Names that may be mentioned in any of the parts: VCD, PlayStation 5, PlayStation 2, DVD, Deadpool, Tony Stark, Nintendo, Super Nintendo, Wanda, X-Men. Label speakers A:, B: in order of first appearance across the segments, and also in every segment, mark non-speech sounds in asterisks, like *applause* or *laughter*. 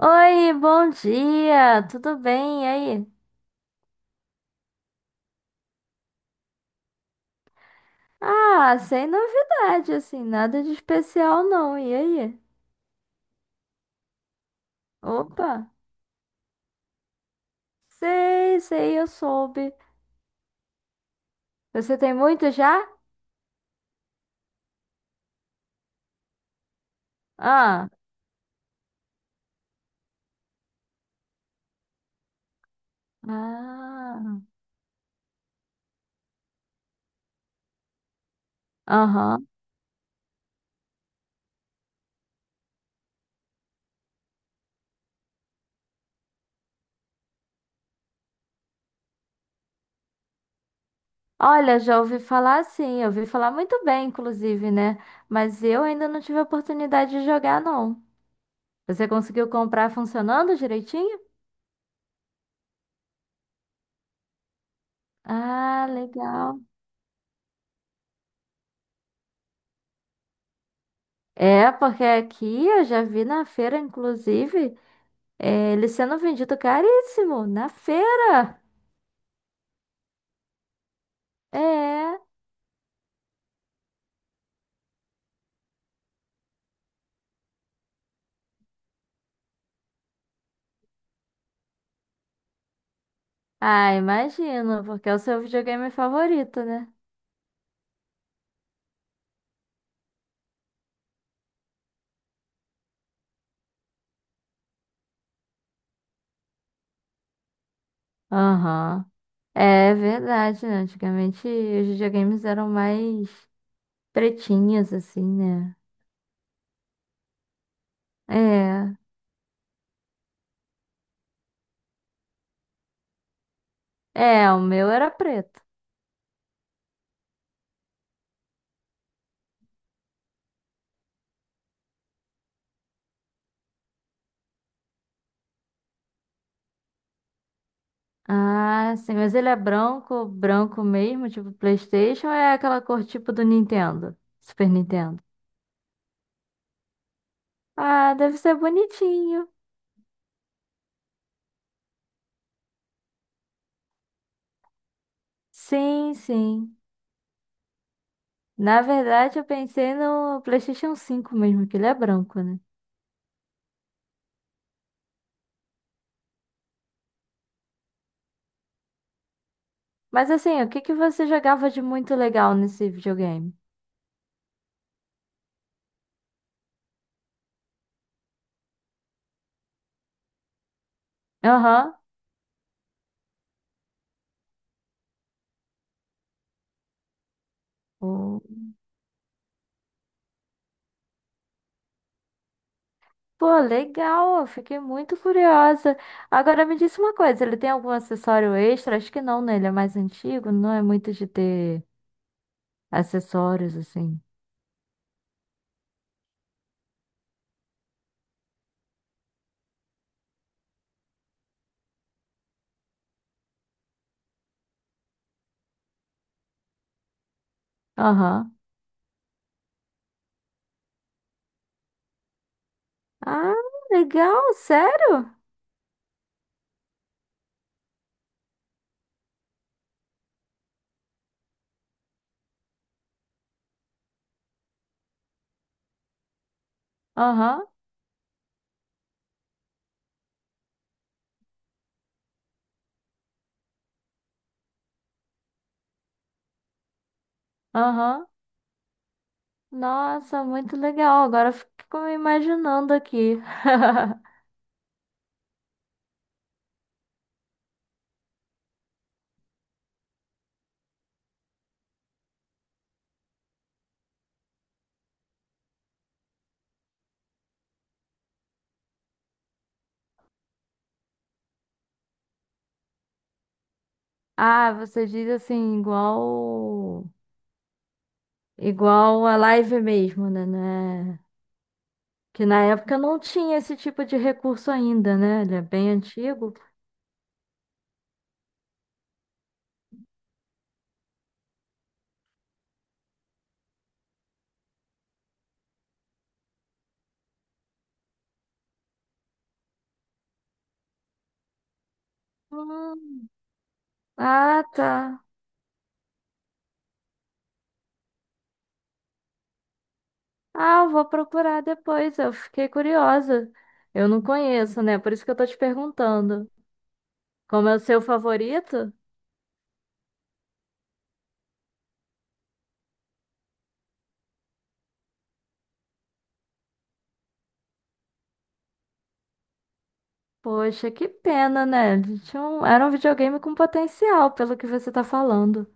A: Oi, bom dia, tudo bem? E aí? Ah, sem novidade, assim, nada de especial não. E aí? Opa, sei, eu soube. Você tem muito já? Ah, ah, aham. Olha, já ouvi falar sim, eu ouvi falar muito bem, inclusive, né? Mas eu ainda não tive a oportunidade de jogar, não. Você conseguiu comprar funcionando direitinho? Ah, legal. É, porque aqui eu já vi na feira, inclusive. É, ele sendo vendido caríssimo na feira. É. Ah, imagino, porque é o seu videogame favorito, né? Aham. É verdade, né? Antigamente os videogames eram mais pretinhos, assim, né? É. É, o meu era preto. Ah, sim, mas ele é branco, branco mesmo, tipo PlayStation, ou é aquela cor tipo do Nintendo, Super Nintendo. Ah, deve ser bonitinho. Sim, sim. Na verdade, eu pensei no PlayStation cinco mesmo, que ele é branco, né? Mas assim, o que que você jogava de muito legal nesse videogame? Aham. O- Pô, legal, eu fiquei muito curiosa. Agora me disse uma coisa, ele tem algum acessório extra? Acho que não, né? Ele é mais antigo, não é muito de ter acessórios assim. Aham. Ah, legal, sério? Aham, aham. Nossa, muito legal. Agora eu fico me imaginando aqui. *laughs* Ah, você diz assim, igual a live mesmo, né? Que na época não tinha esse tipo de recurso ainda, né? Ele é bem antigo. Hum, ah, tá. Ah, eu vou procurar depois. Eu fiquei curiosa. Eu não conheço, né? Por isso que eu tô te perguntando. Como é o seu favorito? Poxa, que pena, né? Ele tinha um... Era um videogame com potencial, pelo que você tá falando.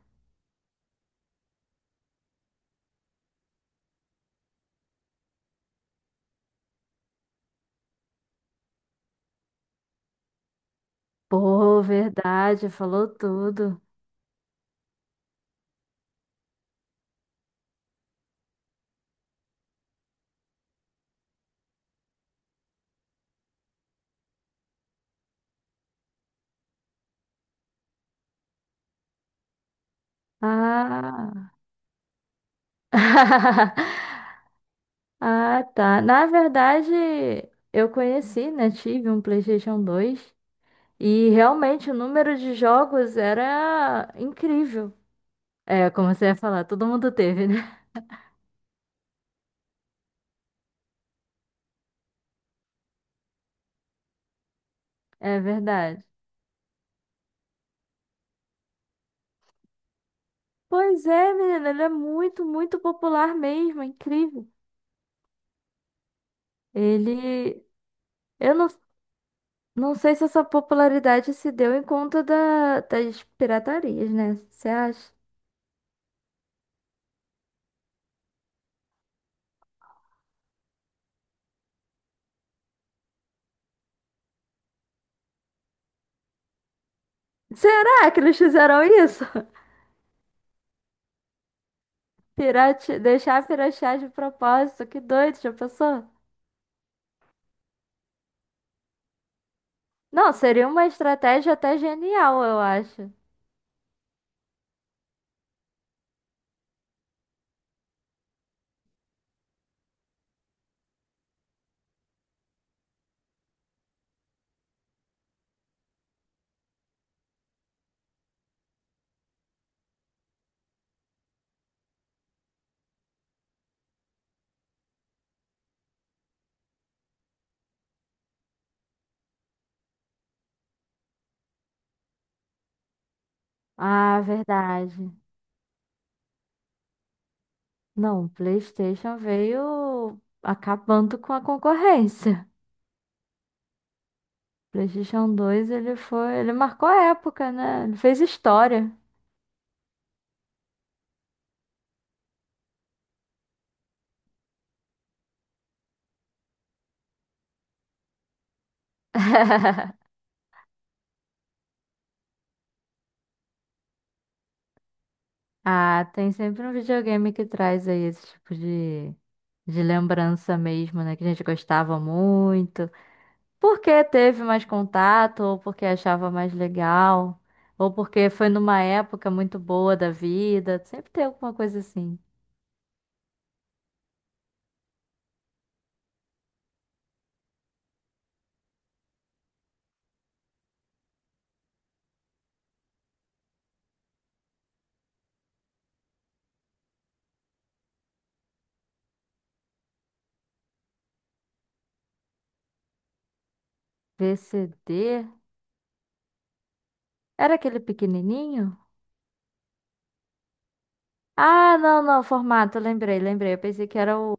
A: Pô, verdade, falou tudo. Ah. *laughs* Ah, tá. Na verdade, eu conheci, né? Tive um PlayStation dois e realmente o número de jogos era incrível. É, como você ia falar, todo mundo teve, né? *laughs* É verdade. Pois é, menina, ele é muito, muito popular mesmo, é incrível. Ele. Eu não, não sei se essa popularidade se deu em conta das piratarias, né? Você acha? Será que eles fizeram isso? Pirate... Deixar piratear de propósito, que doido, já pensou? Não, seria uma estratégia até genial, eu acho. Ah, verdade. Não, o PlayStation veio acabando com a concorrência. PlayStation 2, ele marcou a época, né? Ele fez história. *laughs* Ah, tem sempre um videogame que traz aí esse tipo de lembrança mesmo, né? Que a gente gostava muito. Porque teve mais contato, ou porque achava mais legal, ou porque foi numa época muito boa da vida. Sempre tem alguma coisa assim. VCD? Era aquele pequenininho? Ah, não, não, formato, lembrei. Eu pensei que era o.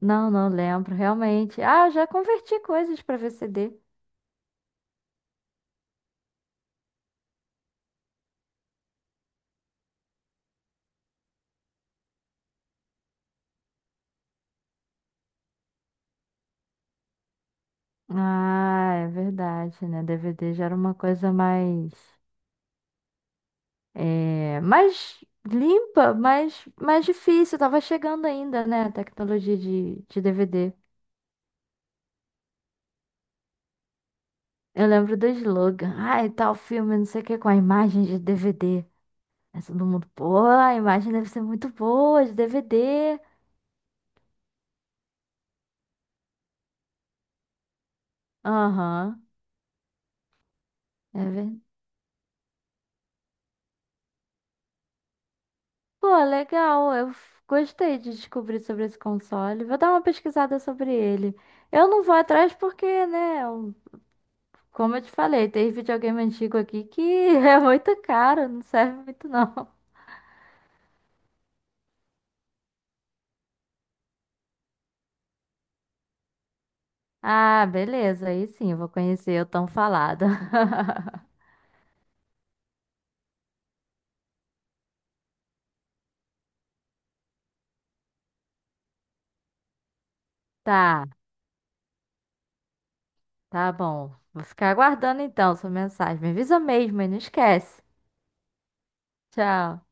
A: Não, não lembro, realmente. Ah, eu já converti coisas para VCD. Ah, é verdade, né? DVD já era uma coisa mais. É, mais limpa, mas mais difícil. Tava chegando ainda, né? A tecnologia de DVD. Eu lembro do slogan. Ai, tal filme, não sei o que, com a imagem de DVD. Aí todo mundo, pô, a imagem deve ser muito boa de DVD. Aham, é verdade. Pô, legal. Gostei de descobrir sobre esse console. Vou dar uma pesquisada sobre ele. Eu não vou atrás porque, né? É um, como eu te falei, tem videogame antigo aqui que *laughs* é muito caro, não serve muito não. Ah, beleza, aí sim, eu vou conhecer o tão falado. *laughs* Tá, tá bom. Vou ficar aguardando então sua mensagem. Me avisa mesmo e não esquece. Tchau.